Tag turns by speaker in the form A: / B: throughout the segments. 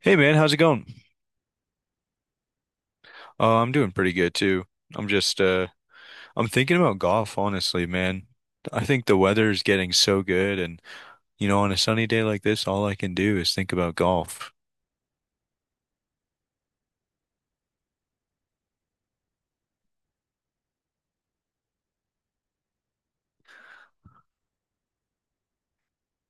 A: Hey man, how's it going? I'm doing pretty good too. I'm just I'm thinking about golf, honestly, man. I think the weather is getting so good and you know, on a sunny day like this, all I can do is think about golf.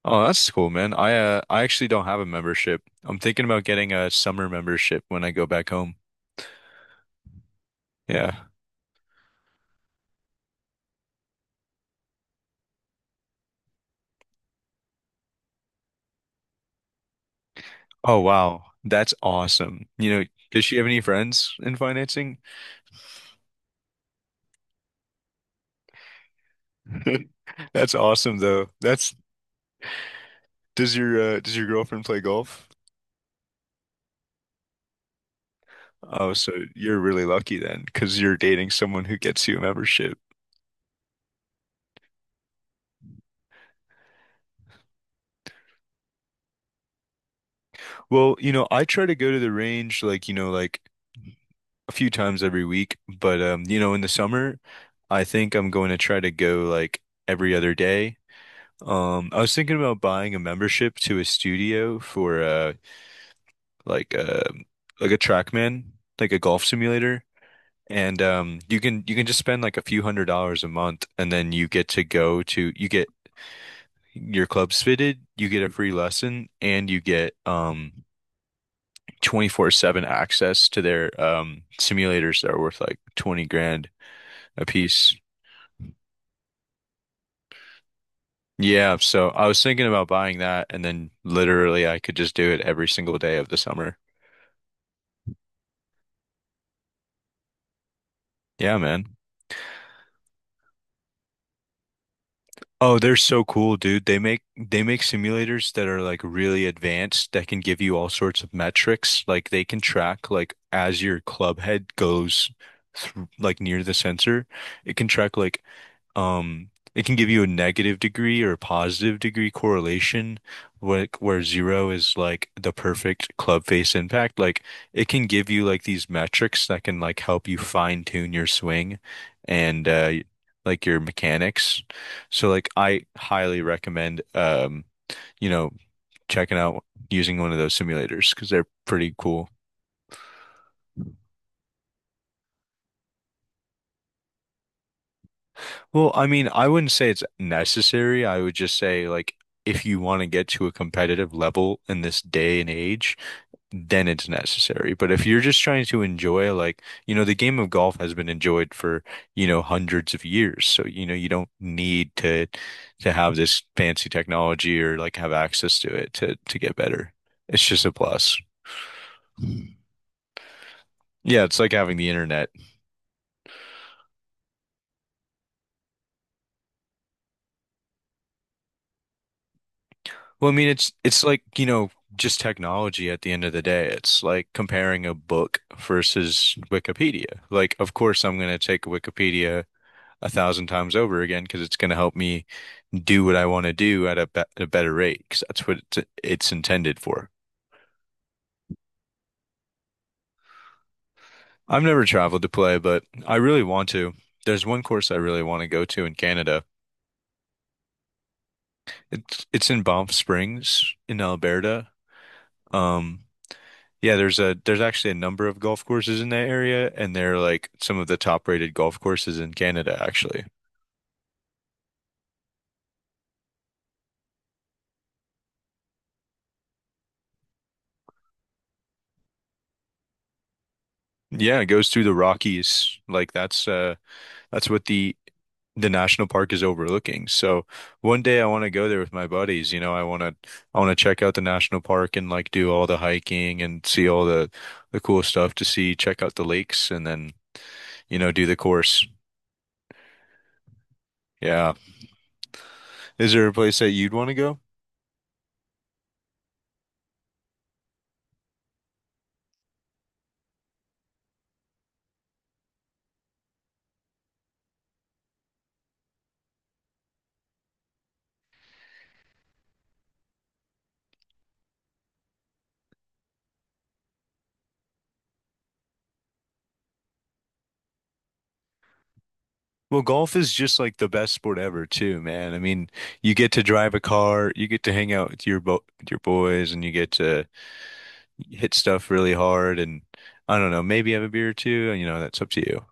A: Oh, that's cool, man. I actually don't have a membership. I'm thinking about getting a summer membership when I go back home. Yeah. Oh, wow. That's awesome. You know, does she have any friends in financing? That's awesome though. That's Does your does your girlfriend play golf? Oh, so you're really lucky then, because you're dating someone who gets you a membership. Well, you know, I try to go to the range like, you know, like a few times every week, but you know, in the summer, I think I'm going to try to go like every other day. I was thinking about buying a membership to a studio for like uh like a TrackMan, like a golf simulator. And you can just spend like a few $100s a month and then you get to go to you get your club's fitted, you get a free lesson, and you get 24/7 access to their simulators that are worth like 20 grand a piece. Yeah, so I was thinking about buying that and then literally I could just do it every single day of the summer. Yeah, man. Oh, they're so cool, dude. They make simulators that are like really advanced that can give you all sorts of metrics. Like they can track like as your club head goes through like near the sensor, it can track like, it can give you a negative degree or a positive degree correlation, like where zero is like the perfect club face impact. Like it can give you like these metrics that can like help you fine tune your swing and like your mechanics. So like I highly recommend you know, checking out using one of those simulators because they're pretty cool. Well, I mean, I wouldn't say it's necessary. I would just say, like, if you want to get to a competitive level in this day and age, then it's necessary. But if you're just trying to enjoy, like, you know, the game of golf has been enjoyed for, you know, hundreds of years. So, you know, you don't need to have this fancy technology or like have access to it to get better. It's just a plus. Yeah, it's like having the internet. Well, I mean, it's like, you know, just technology at the end of the day. It's like comparing a book versus Wikipedia. Like, of course, I'm going to take Wikipedia a thousand times over again because it's going to help me do what I want to do at be a better rate because that's what it's intended for. I've never traveled to play, but I really want to. There's one course I really want to go to in Canada. It's in Banff Springs in Alberta. Um, Yeah, there's a there's actually a number of golf courses in that area, and they're like some of the top rated golf courses in Canada, actually. Yeah, it goes through the Rockies. That's what the national park is overlooking. So one day I want to go there with my buddies. You know, I want to check out the national park and like do all the hiking and see all the cool stuff to see, check out the lakes, and then you know do the course. Yeah, is there a place that you'd want to go? Well, golf is just like the best sport ever, too, man. I mean, you get to drive a car, you get to hang out with your bo with your boys, and you get to hit stuff really hard, and I don't know, maybe have a beer or two. You know, that's up to you.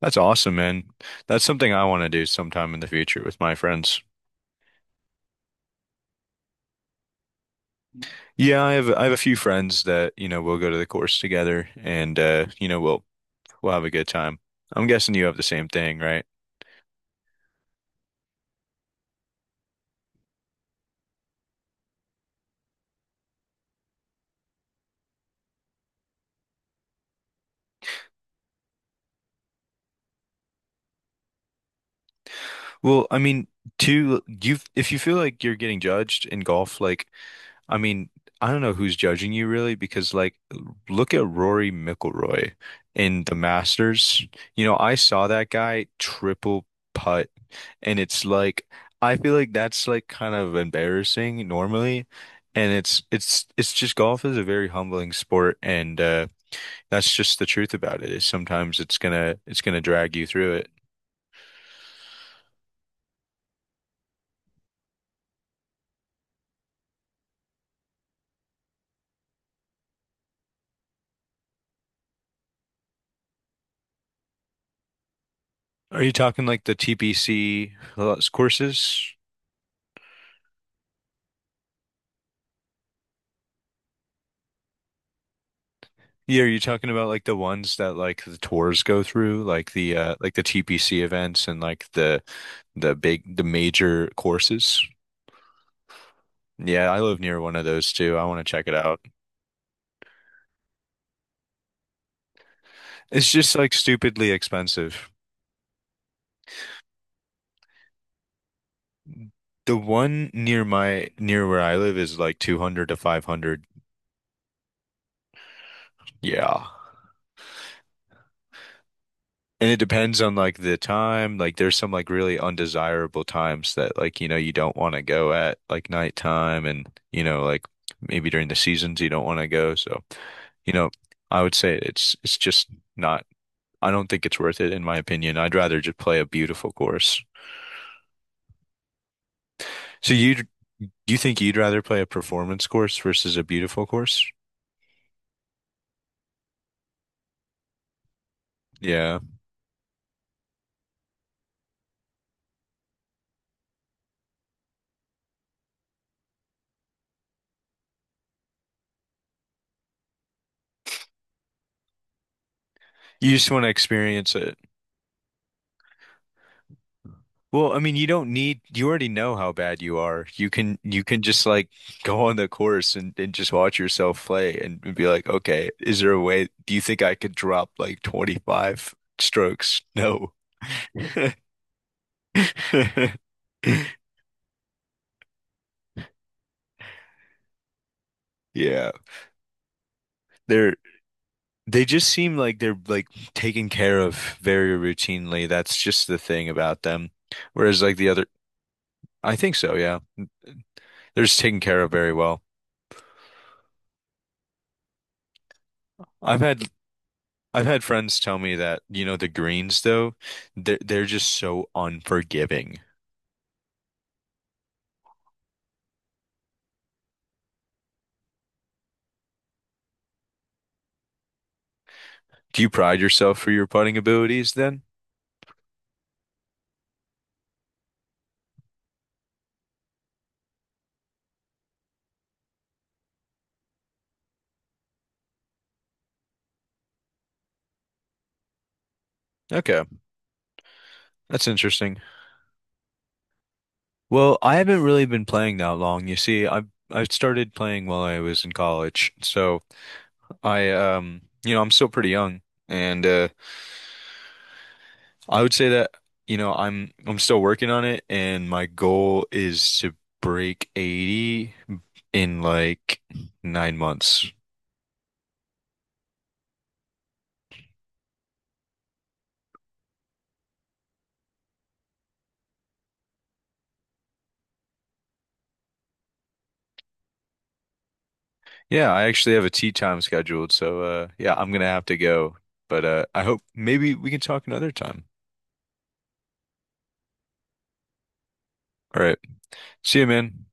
A: That's awesome, man. That's something I want to do sometime in the future with my friends. Yeah, I have a few friends that, you know, we'll go to the course together, and you know, we'll have a good time. I'm guessing you have the same thing, right? Well, I mean, to you, if you feel like you're getting judged in golf, like. I mean, I don't know who's judging you really because like look at Rory McIlroy in the Masters. You know, I saw that guy triple putt and it's like I feel like that's like kind of embarrassing normally and it's just golf is a very humbling sport and that's just the truth about it is sometimes it's gonna drag you through it. Are you talking like the TPC courses? Yeah, are you talking about like the ones that like the tours go through, like the TPC events and like the big the major courses? Yeah, I live near one of those too. I want to check it out. It's just like stupidly expensive. The one near my near where I live is like 200 to 500. Yeah. And it depends on like the time. Like there's some like really undesirable times that like you know you don't want to go at like nighttime and you know like maybe during the seasons you don't want to go. So you know, I would say it's just not. I don't think it's worth it in my opinion. I'd rather just play a beautiful course. So you think you'd rather play a performance course versus a beautiful course? Yeah. You just want to experience it. Well, I mean, you don't need, you already know how bad you are. You can just like go on the course and just watch yourself play and be like, okay, is there a way, do you think I could drop like 25 strokes? No. Yeah. There They just seem like they're like taken care of very routinely. That's just the thing about them. Whereas like the other, I think so, yeah. They're just taken care of very well. I've had I've had friends tell me that, you know, the greens though, they're just so unforgiving. Do you pride yourself for your putting abilities then? Okay, that's interesting. Well, I haven't really been playing that long. You see, I started playing while I was in college. So I you know, I'm still pretty young and I would say that you know, I'm still working on it and my goal is to break 80 in like 9 months. Yeah, I actually have a tea time scheduled, so yeah, I'm gonna have to go. But I hope maybe we can talk another time. All right. See you, man.